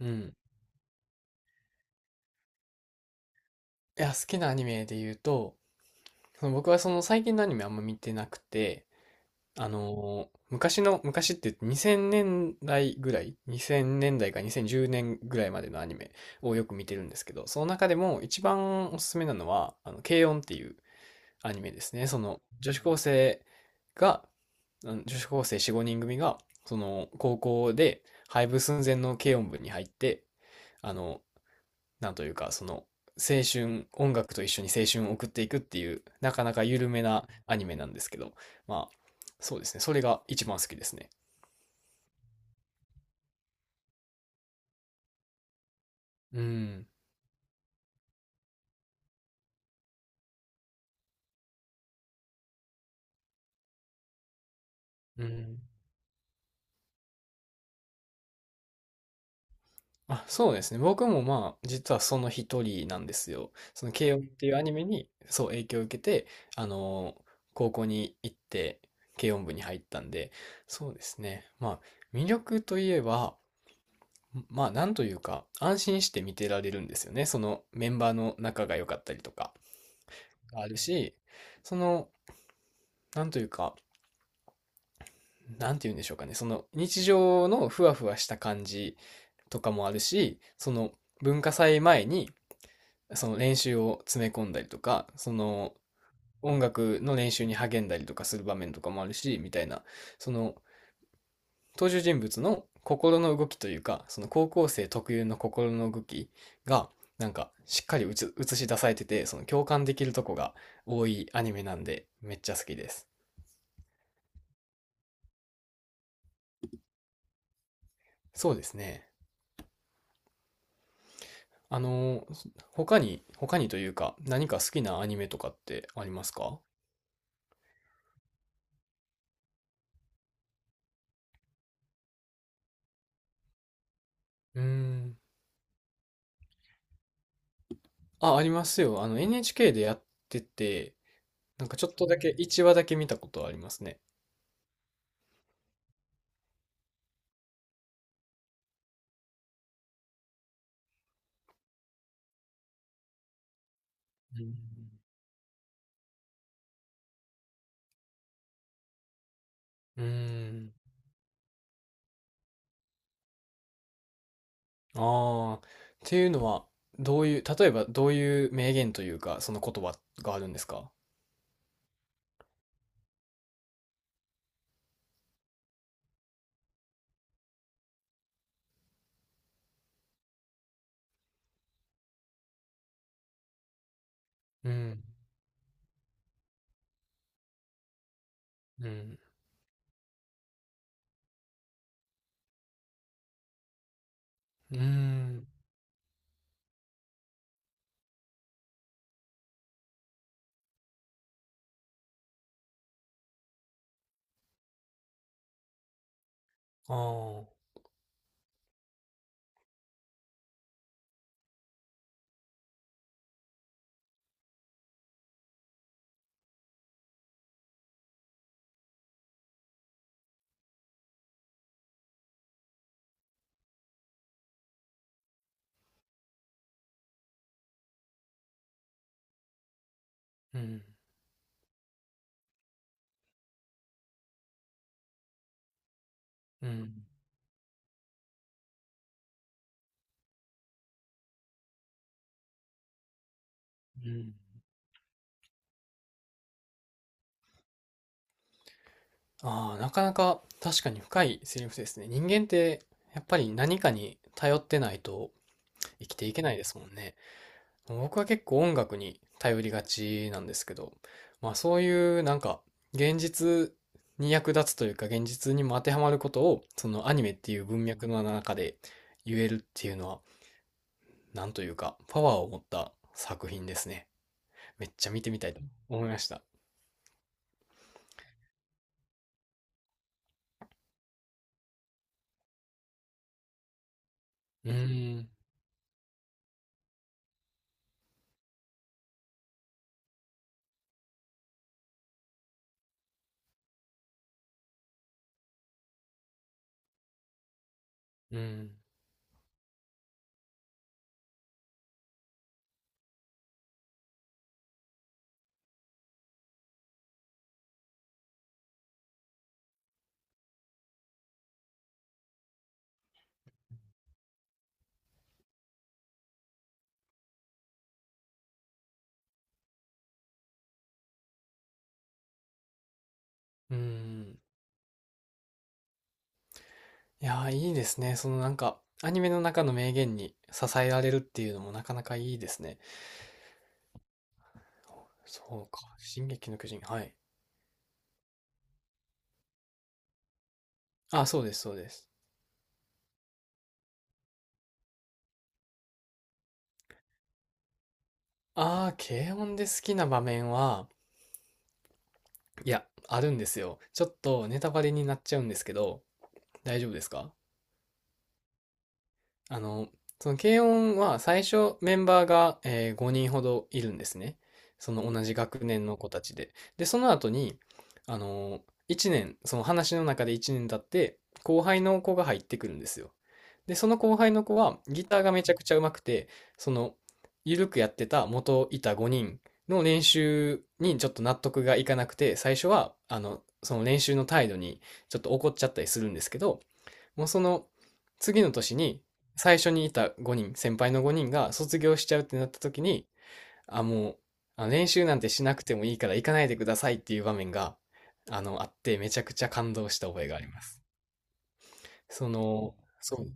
うん。いや、好きなアニメで言うと、僕は最近のアニメあんま見てなくて、昔の、昔って言って2000年代ぐらい、2000年代か2010年ぐらいまでのアニメをよく見てるんですけど、その中でも一番おすすめなのは、軽音っていうアニメですね。その女子高生が、あの女子高生4、5人組が、その高校で廃部寸前の軽音部に入って、あの、なんというか、青春、音楽と一緒に青春を送っていくっていう、なかなか緩めなアニメなんですけど、まあ、そうですね。それが一番好きですね。うん。うん。あ、そうですね。僕もまあ、実はその一人なんですよ。その、軽音っていうアニメに、そう、影響を受けて、あのー高校に行って、軽音部に入ったんで、そうですね。まあ、魅力といえば、まあ、なんというか、安心して見てられるんですよね。そのメンバーの仲が良かったりとか。があるし、その、なんというか、なんて言うんでしょうかね、その日常のふわふわした感じとかもあるし、その文化祭前にその練習を詰め込んだりとか、その音楽の練習に励んだりとかする場面とかもあるし、みたいな、その登場人物の心の動きというか、その高校生特有の心の動きが、なんかしっかり映し出されてて、その共感できるとこが多いアニメなんで、めっちゃ好きです。そうですね。あのー、他にというか、何か好きなアニメとかってありますか？うーん。あ、ありますよ。あの、NHK でやってて、なんかちょっとだけ、1話だけ見たことありますね。うん。うーん。ああ、っていうのは、どういう、例えばどういう名言というか、その言葉があるんですか？うん。うん。うーん。ああ、うん。うん。うん。ああ、なかなか確かに深いセリフですね。人間ってやっぱり何かに頼ってないと生きていけないですもんね。僕は結構音楽に頼りがちなんですけど、まあそういうなんか現実に役立つというか現実にも当てはまることをそのアニメっていう文脈の中で言えるっていうのはなんというかパワーを持った作品ですね。めっちゃ見てみたいと思いました。うーん、うーん、うーん。いやー、いいですね。そのなんか、アニメの中の名言に支えられるっていうのもなかなかいいですね。そうか。進撃の巨人。はい。あ、そうです、そうです。あー、軽音で好きな場面は、いや、あるんですよ。ちょっとネタバレになっちゃうんですけど、大丈夫ですか？あの、その軽音は最初メンバーが、えー5人ほどいるんですね。その同じ学年の子たちで。で、その後に、あの、1年、その話の中で1年経って、後輩の子が入ってくるんですよ。で、その後輩の子はギターがめちゃくちゃ上手くて、その、ゆるくやってた元いた5人の練習にちょっと納得がいかなくて、最初は、その練習の態度にちょっと怒っちゃったりするんですけど、もうその次の年に最初にいた5人、先輩の5人が卒業しちゃうってなった時に、あ、もう、あの練習なんてしなくてもいいから行かないでくださいっていう場面が、あってめちゃくちゃ感動した覚えがあります。その、そう、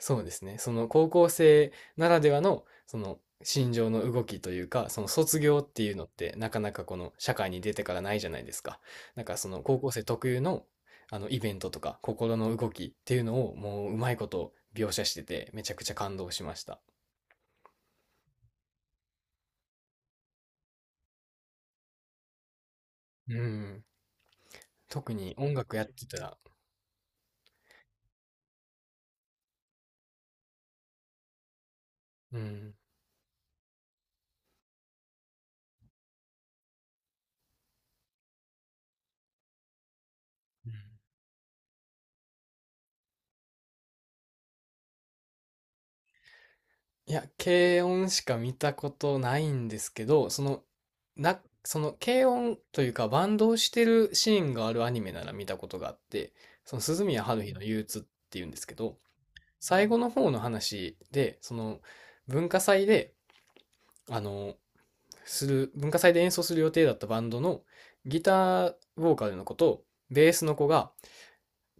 そうですね。その高校生ならではの、その心情の動きというか、その卒業っていうのってなかなかこの社会に出てからないじゃないですか。なんかその高校生特有のあのイベントとか心の動きっていうのをもううまいこと描写しててめちゃくちゃ感動しました。うん。特に音楽やってたら、うん。いや、軽音しか見たことないんですけど、その軽音というかバンドをしてるシーンがあるアニメなら見たことがあって、その鈴宮春日の憂鬱っていうんですけど、最後の方の話で、その文化祭で、あの、文化祭で演奏する予定だったバンドのギターボーカルの子とベースの子が、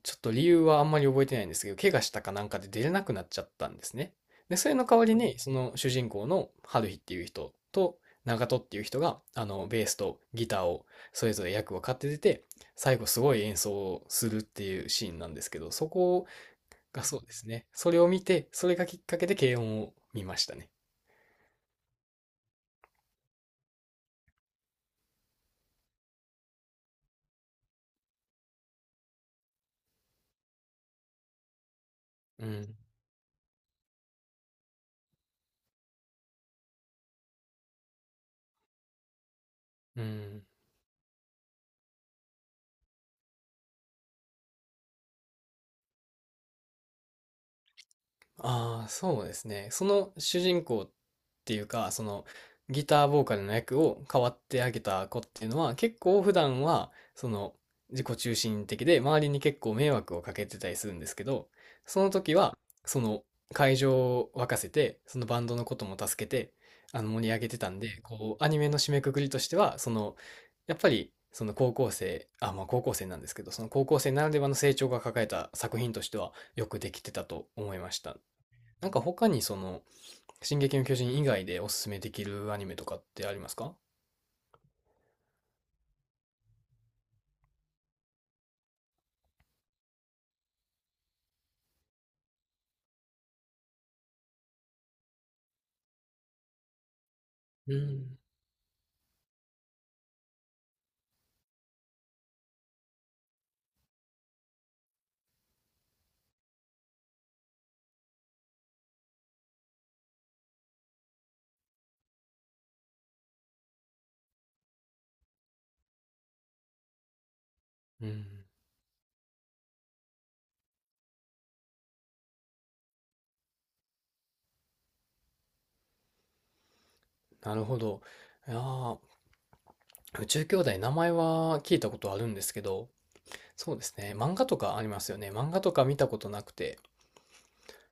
ちょっと理由はあんまり覚えてないんですけど、怪我したかなんかで出れなくなっちゃったんですね。で、それの代わりに、その主人公の春日っていう人と長門っていう人が、ベースとギターをそれぞれ役を買って出て、最後すごい演奏をするっていうシーンなんですけど、そこがそうですね。それを見て、それがきっかけで軽音を見ましたね。うん。うん。ああ、そうですね。その主人公っていうか、そのギターボーカルの役を変わってあげた子っていうのは、結構普段は、その自己中心的で、周りに結構迷惑をかけてたりするんですけど、その時は、その会場を沸かせて、そのバンドのことも助けて、あの盛り上げてたんで、こう、アニメの締めくくりとしては、やっぱり、その高校生、あ、まあ高校生なんですけど、その高校生ならではの成長が抱えた作品としては、よくできてたと思いました。なんか他にその、進撃の巨人以外でおすすめできるアニメとかってありますか？うん。うん。なるほど。いやー、宇宙兄弟名前は聞いたことあるんですけど、そうですね。漫画とかありますよね。漫画とか見たことなくて、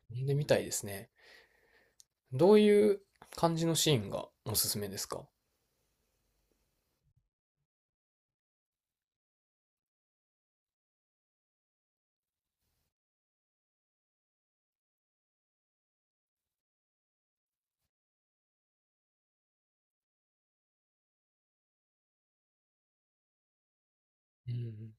読んでみたいですね。どういう感じのシーンがおすすめですか？うん。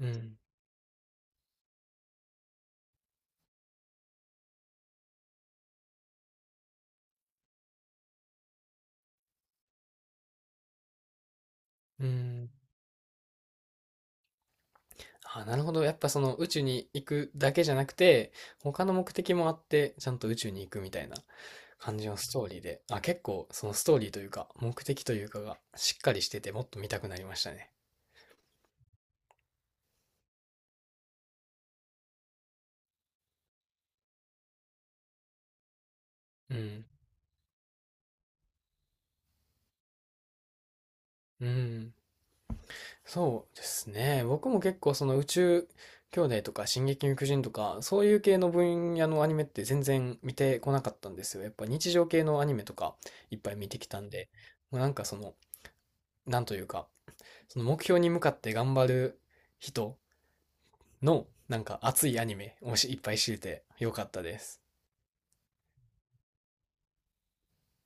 うん。うん。あ、なるほど。やっぱその宇宙に行くだけじゃなくて、他の目的もあって、ちゃんと宇宙に行くみたいな。感じのストーリーで、あ、結構そのストーリーというか、目的というかがしっかりしてて、もっと見たくなりましたね。うん。うん。そうですね。僕も結構その宇宙兄弟とか進撃の巨人とか、そういう系の分野のアニメって全然見てこなかったんですよ。やっぱ日常系のアニメとかいっぱい見てきたんで、もうなんかその、なんというか、その目標に向かって頑張る人のなんか熱いアニメをしいっぱい知れてよかったです。